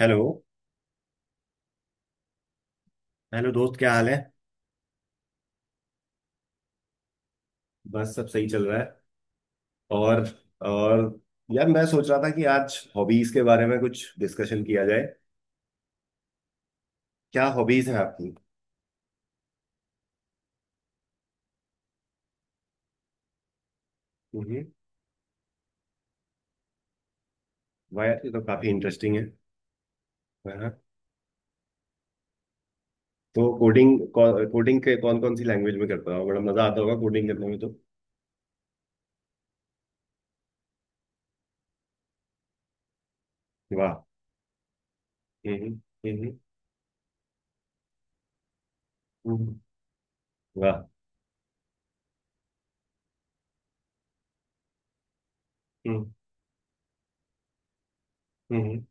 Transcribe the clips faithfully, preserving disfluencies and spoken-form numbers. Hello. Hello दोस्त, क्या हाल है? बस सब सही चल रहा है। और और यार, मैं सोच रहा था कि आज हॉबीज के बारे में कुछ डिस्कशन किया जाए। क्या हॉबीज हैं आपकी? हम्म। वाह यार, ये तो काफी इंटरेस्टिंग है। हाँ, तो कोडिंग कोडिंग के कौन कौन सी लैंग्वेज में करता हो? बड़ा मजा आता होगा कोडिंग करने में तो। वाह। हम्म। हम्म। हम्म, वाह। हम्म। हम्म,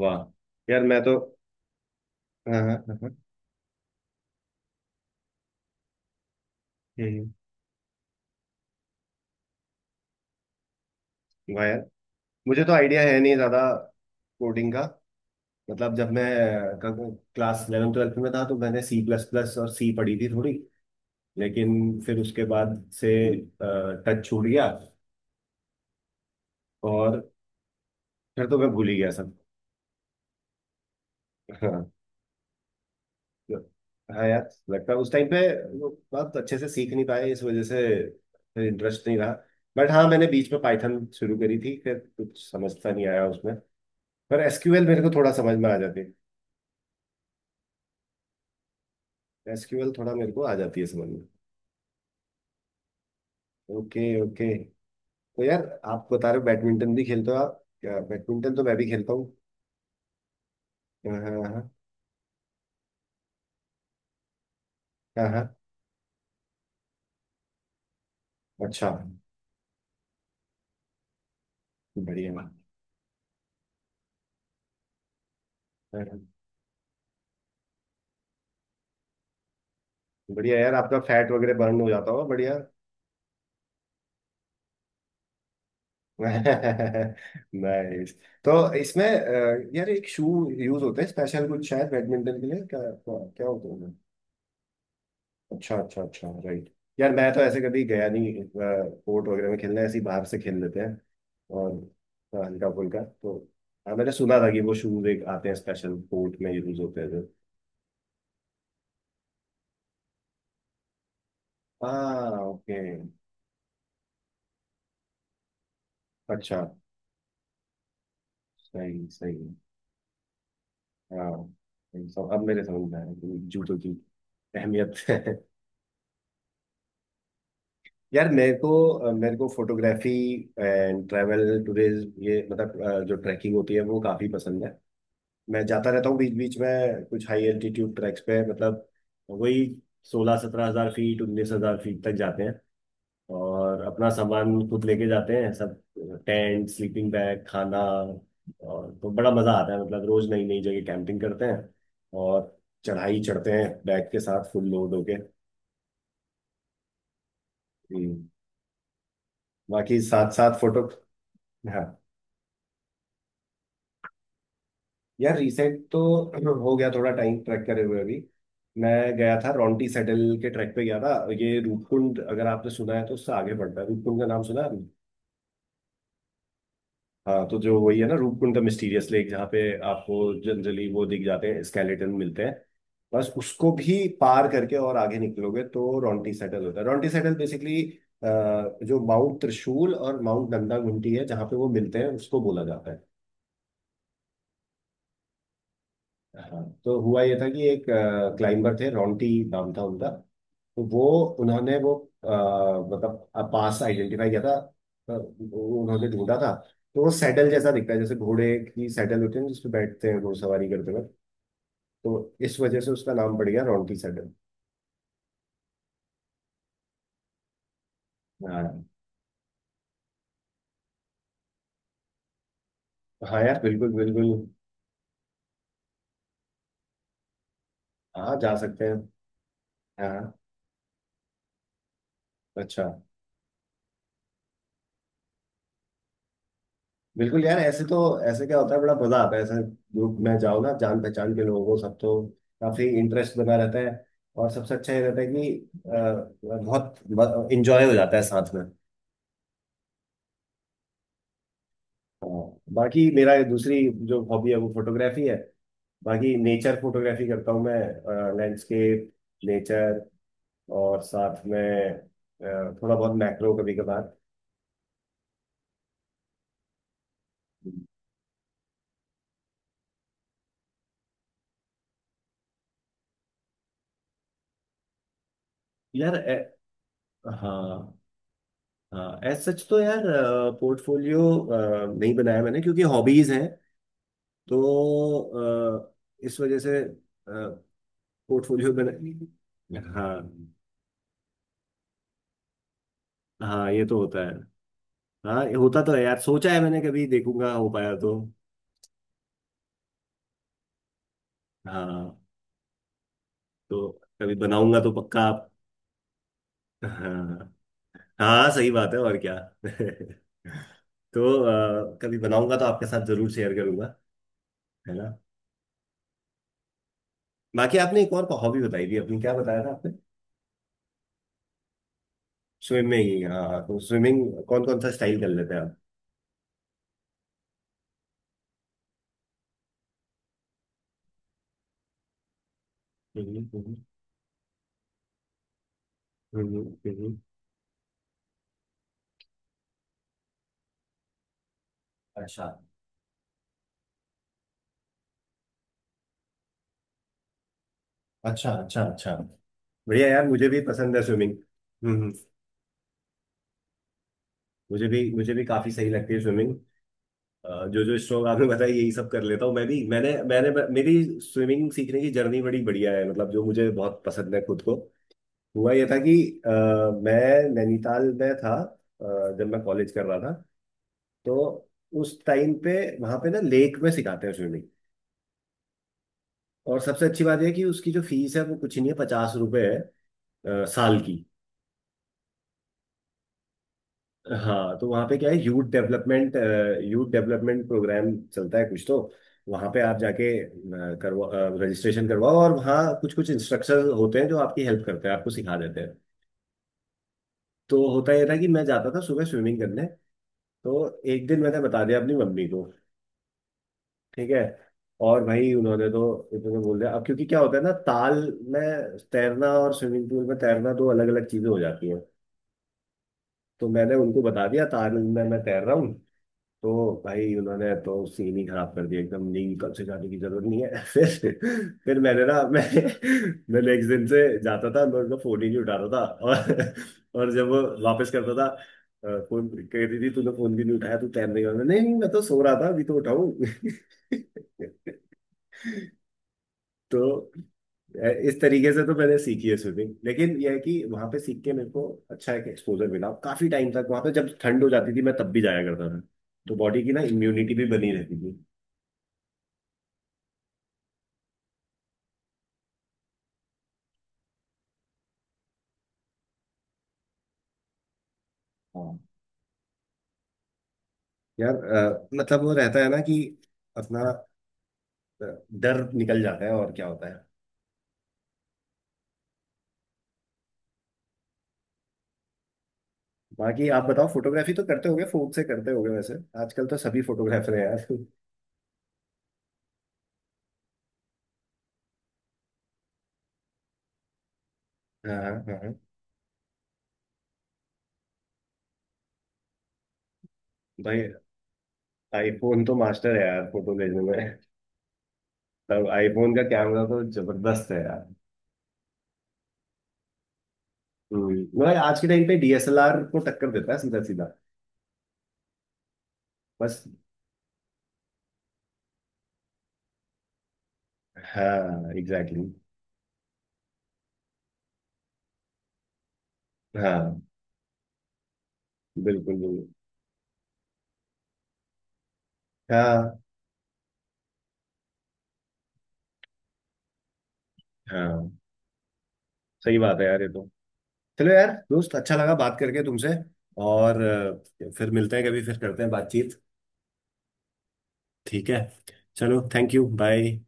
वाह यार। मैं तो हाँ हाँ हाँ हाँ। हम्म। वाह यार, मुझे तो आइडिया है नहीं ज्यादा कोडिंग का। मतलब जब मैं क्लास इलेवन ट्वेल्थ में था तो मैंने सी प्लस प्लस और सी पढ़ी थी थोड़ी। लेकिन फिर उसके बाद से टच छूट गया। और फिर तो मैं भूल ही गया सब। हाँ। तो, हाँ यार, लगता है उस टाइम पे वो बहुत अच्छे से सीख नहीं पाए, इस वजह से फिर इंटरेस्ट नहीं रहा। बट हाँ, मैंने बीच में पाइथन शुरू करी थी, फिर कुछ समझता नहीं आया उसमें। पर एसक्यूएल मेरे को थोड़ा समझ में आ जाती है। एसक्यूएल थोड़ा मेरे को आ जाती है समझ में। Okay okay. तो यार, आप बता रहे हो बैडमिंटन भी खेलते हो आप? क्या, बैडमिंटन तो मैं भी खेलता हूँ। हाँ हाँ हाँ हाँ, हाँ। अच्छा। बढ़िया। हाँ। बढ़िया यार, आपका फैट वगैरह बर्न हो जाता होगा, बढ़िया। नाइस। तो इसमें अ, यार, एक शू यूज होता है स्पेशल कुछ शायद बैडमिंटन के लिए? क्या क्या क्या होता है? अच्छा अच्छा अच्छा, राइट। यार मैं तो ऐसे कभी गया नहीं कोर्ट वगैरह में खेलने, ऐसे ही बाहर से खेल लेते हैं। और अ, हल्का फुल्का तो। हाँ, मैंने सुना था कि वो शूज एक आते हैं स्पेशल कोर्ट में यूज होते हैं जो। हाँ, ओके। अच्छा। सही सही है। हाँ सही, सब अब मेरे समझ में आया कि जूतों की अहमियत है। यार मेरे को अ, मेरे को फोटोग्राफी एंड ट्रैवल टूरिज्म, ये मतलब अ, जो ट्रैकिंग होती है वो काफ़ी पसंद है। मैं जाता रहता हूँ बीच बीच में, कुछ हाई एल्टीट्यूड ट्रैक्स पे। मतलब वही, सोलह सत्रह हजार फीट, उन्नीस हजार फीट तक जाते हैं, और अपना सामान खुद लेके जाते हैं सब। टेंट, स्लीपिंग बैग, खाना। और तो बड़ा मजा आता है, मतलब रोज नई नई जगह कैंपिंग करते हैं। और चढ़ाई चढ़ते हैं बैग के साथ फुल लोड होके। हम्म। बाकी साथ साथ फोटो। हाँ। यार रिसेंट तो हो गया थोड़ा टाइम ट्रैक करे हुए अभी। मैं गया था, रॉन्टी सेडल के ट्रैक पे गया था। ये रूपकुंड, अगर आपने सुना है तो उससे आगे बढ़ता है। रूपकुंड का नाम सुना है आपने? हाँ तो जो वही है ना रूपकुंड द मिस्टीरियस लेक, जहाँ पे आपको जनरली वो दिख जाते हैं, स्केलेटन मिलते हैं। बस उसको भी पार करके और आगे निकलोगे तो रॉन्टी सेटल होता है। रॉन्टी सेटल बेसिकली जो माउंट त्रिशूल और माउंट नंदा घुंटी है, जहाँ पे वो मिलते हैं उसको बोला जाता है। हाँ तो हुआ ये था कि एक क्लाइंबर थे, रॉन्टी नाम था उनका। तो वो, उन्होंने वो अ, मतलब पास आइडेंटिफाई किया था। अ, वो उन्होंने ढूंढा था। तो वो सैडल जैसा दिखता है, जैसे घोड़े की सैडल होती है जिस पे बैठते हैं घुड़सवारी करते वक्त। तो इस वजह से उसका नाम पड़ गया रॉन्टी सैडल। हाँ। हाँ यार, बिल्कुल बिल्कुल। हाँ जा सकते हैं। हाँ। अच्छा। बिल्कुल यार ऐसे तो ऐसे क्या होता है, बड़ा मजा आता है ऐसे ग्रुप में जाओ ना, जान पहचान के लोगों सब तो काफी इंटरेस्ट बना रहता है। और सबसे अच्छा ये रहता है कि अ, बहुत इंजॉय हो जाता है साथ में। हाँ, बाकी मेरा ये दूसरी जो हॉबी है वो फोटोग्राफी है। बाकी नेचर फोटोग्राफी करता हूँ मैं। लैंडस्केप, नेचर, और साथ में अ, थोड़ा बहुत मैक्रो कभी कभार। यार ए, हाँ। हाँ एज सच तो यार, पोर्टफोलियो नहीं बनाया मैंने क्योंकि हॉबीज हैं तो, अ, इस वजह से। पोर्टफोलियो बना, हाँ। हाँ ये तो होता है। हाँ ये होता तो है यार, सोचा है मैंने, कभी देखूंगा हो पाया तो। हाँ। तो कभी बनाऊंगा तो पक्का आप। हाँ हाँ, सही बात है। और क्या। तो अ, कभी बनाऊंगा तो आपके साथ जरूर शेयर करूंगा, है ना। बाकी आपने एक और हॉबी बताई थी अपनी, क्या बताया था? स्विमिंग, हाँ। तो स्विमिंग कौन कौन सा स्टाइल कर लेते हैं आप? हम्म, हम्म। हम्म हम्म। अच्छा अच्छा अच्छा। अच्छा बढ़िया यार, मुझे भी पसंद है स्विमिंग। हम्म हम्म। मुझे भी, मुझे भी काफी सही लगती है स्विमिंग। जो जो स्ट्रोक आपने बताया यही सब कर लेता हूँ मैं भी। मैंने मैंने मेरी स्विमिंग सीखने की जर्नी बड़ी बढ़िया है, मतलब जो मुझे बहुत पसंद है खुद को। हुआ ये था कि अ, मैं नैनीताल में था, अ, जब मैं कॉलेज कर रहा था। तो उस टाइम पे वहां पे ना लेक में सिखाते हैं स्विमिंग। और सबसे अच्छी बात यह कि उसकी जो फीस है वो कुछ नहीं है, पचास रुपए है अ, साल की। हाँ तो वहाँ पे क्या है, youth development, youth development program चलता है कुछ। तो वहाँ पे आप जाके अ, करवा रजिस्ट्रेशन करवाओ, और वहाँ कुछ कुछ इंस्ट्रक्टर होते हैं जो आपकी हेल्प करते हैं, आपको सिखा देते हैं। तो होता यह था कि मैं जाता था सुबह स्विमिंग करने। तो एक दिन मैंने बता दिया अपनी मम्मी को, ठीक है। और भाई उन्होंने तो इतने बोल दिया। अब क्योंकि क्या होता है ना, ताल में तैरना और स्विमिंग पूल में तैरना दो अलग अलग चीजें हो जाती हैं। तो मैंने उनको बता दिया था आनंद में मैं तैर रहा हूँ। तो भाई उन्होंने तो सीन ही खराब कर दिया एकदम, नहीं कल से जाने की जरूरत नहीं है। फिर फिर मैंने ना मैं मैं नेक्स्ट दिन से जाता था, मैं उनका फोन ही नहीं उठाता था। और और जब वो वापस करता था अ, फोन, कह रही थी तूने फोन भी नहीं उठाया, तू तैरने गया? मैंने, नहीं नहीं मैं तो सो रहा था अभी तो उठाऊं तो इस तरीके से तो मैंने सीखी है स्विमिंग। लेकिन यह है कि वहां पे सीख के मेरे को अच्छा एक एक्सपोजर मिला, काफी टाइम तक वहां पे जब ठंड हो जाती थी मैं तब भी जाया करता था। तो बॉडी की ना इम्यूनिटी भी बनी रहती थी। हाँ यार, अ, मतलब वो रहता है ना कि अपना अ, डर निकल जाता है, और क्या होता है। बाकी आप बताओ, फोटोग्राफी तो करते होगे, फोन से करते होगे वैसे, आजकल तो सभी फोटोग्राफर हैं यार। हाँ हाँ हाँ। भाई, आईफोन तो मास्टर है यार फोटो लेने में। तब आईफोन का कैमरा तो जबरदस्त है। हम्म, वह आज के टाइम पे डीएसएलआर को टक्कर देता है सीधा सीधा। बस। हाँ एग्जैक्टली। हाँ बिल्कुल बिल्कुल। हाँ हाँ सही बात है यार ये तो। चलो यार दोस्त, अच्छा लगा बात करके तुमसे। और अ, फिर मिलते हैं कभी, फिर करते हैं बातचीत। ठीक है, चलो, थैंक यू, बाय।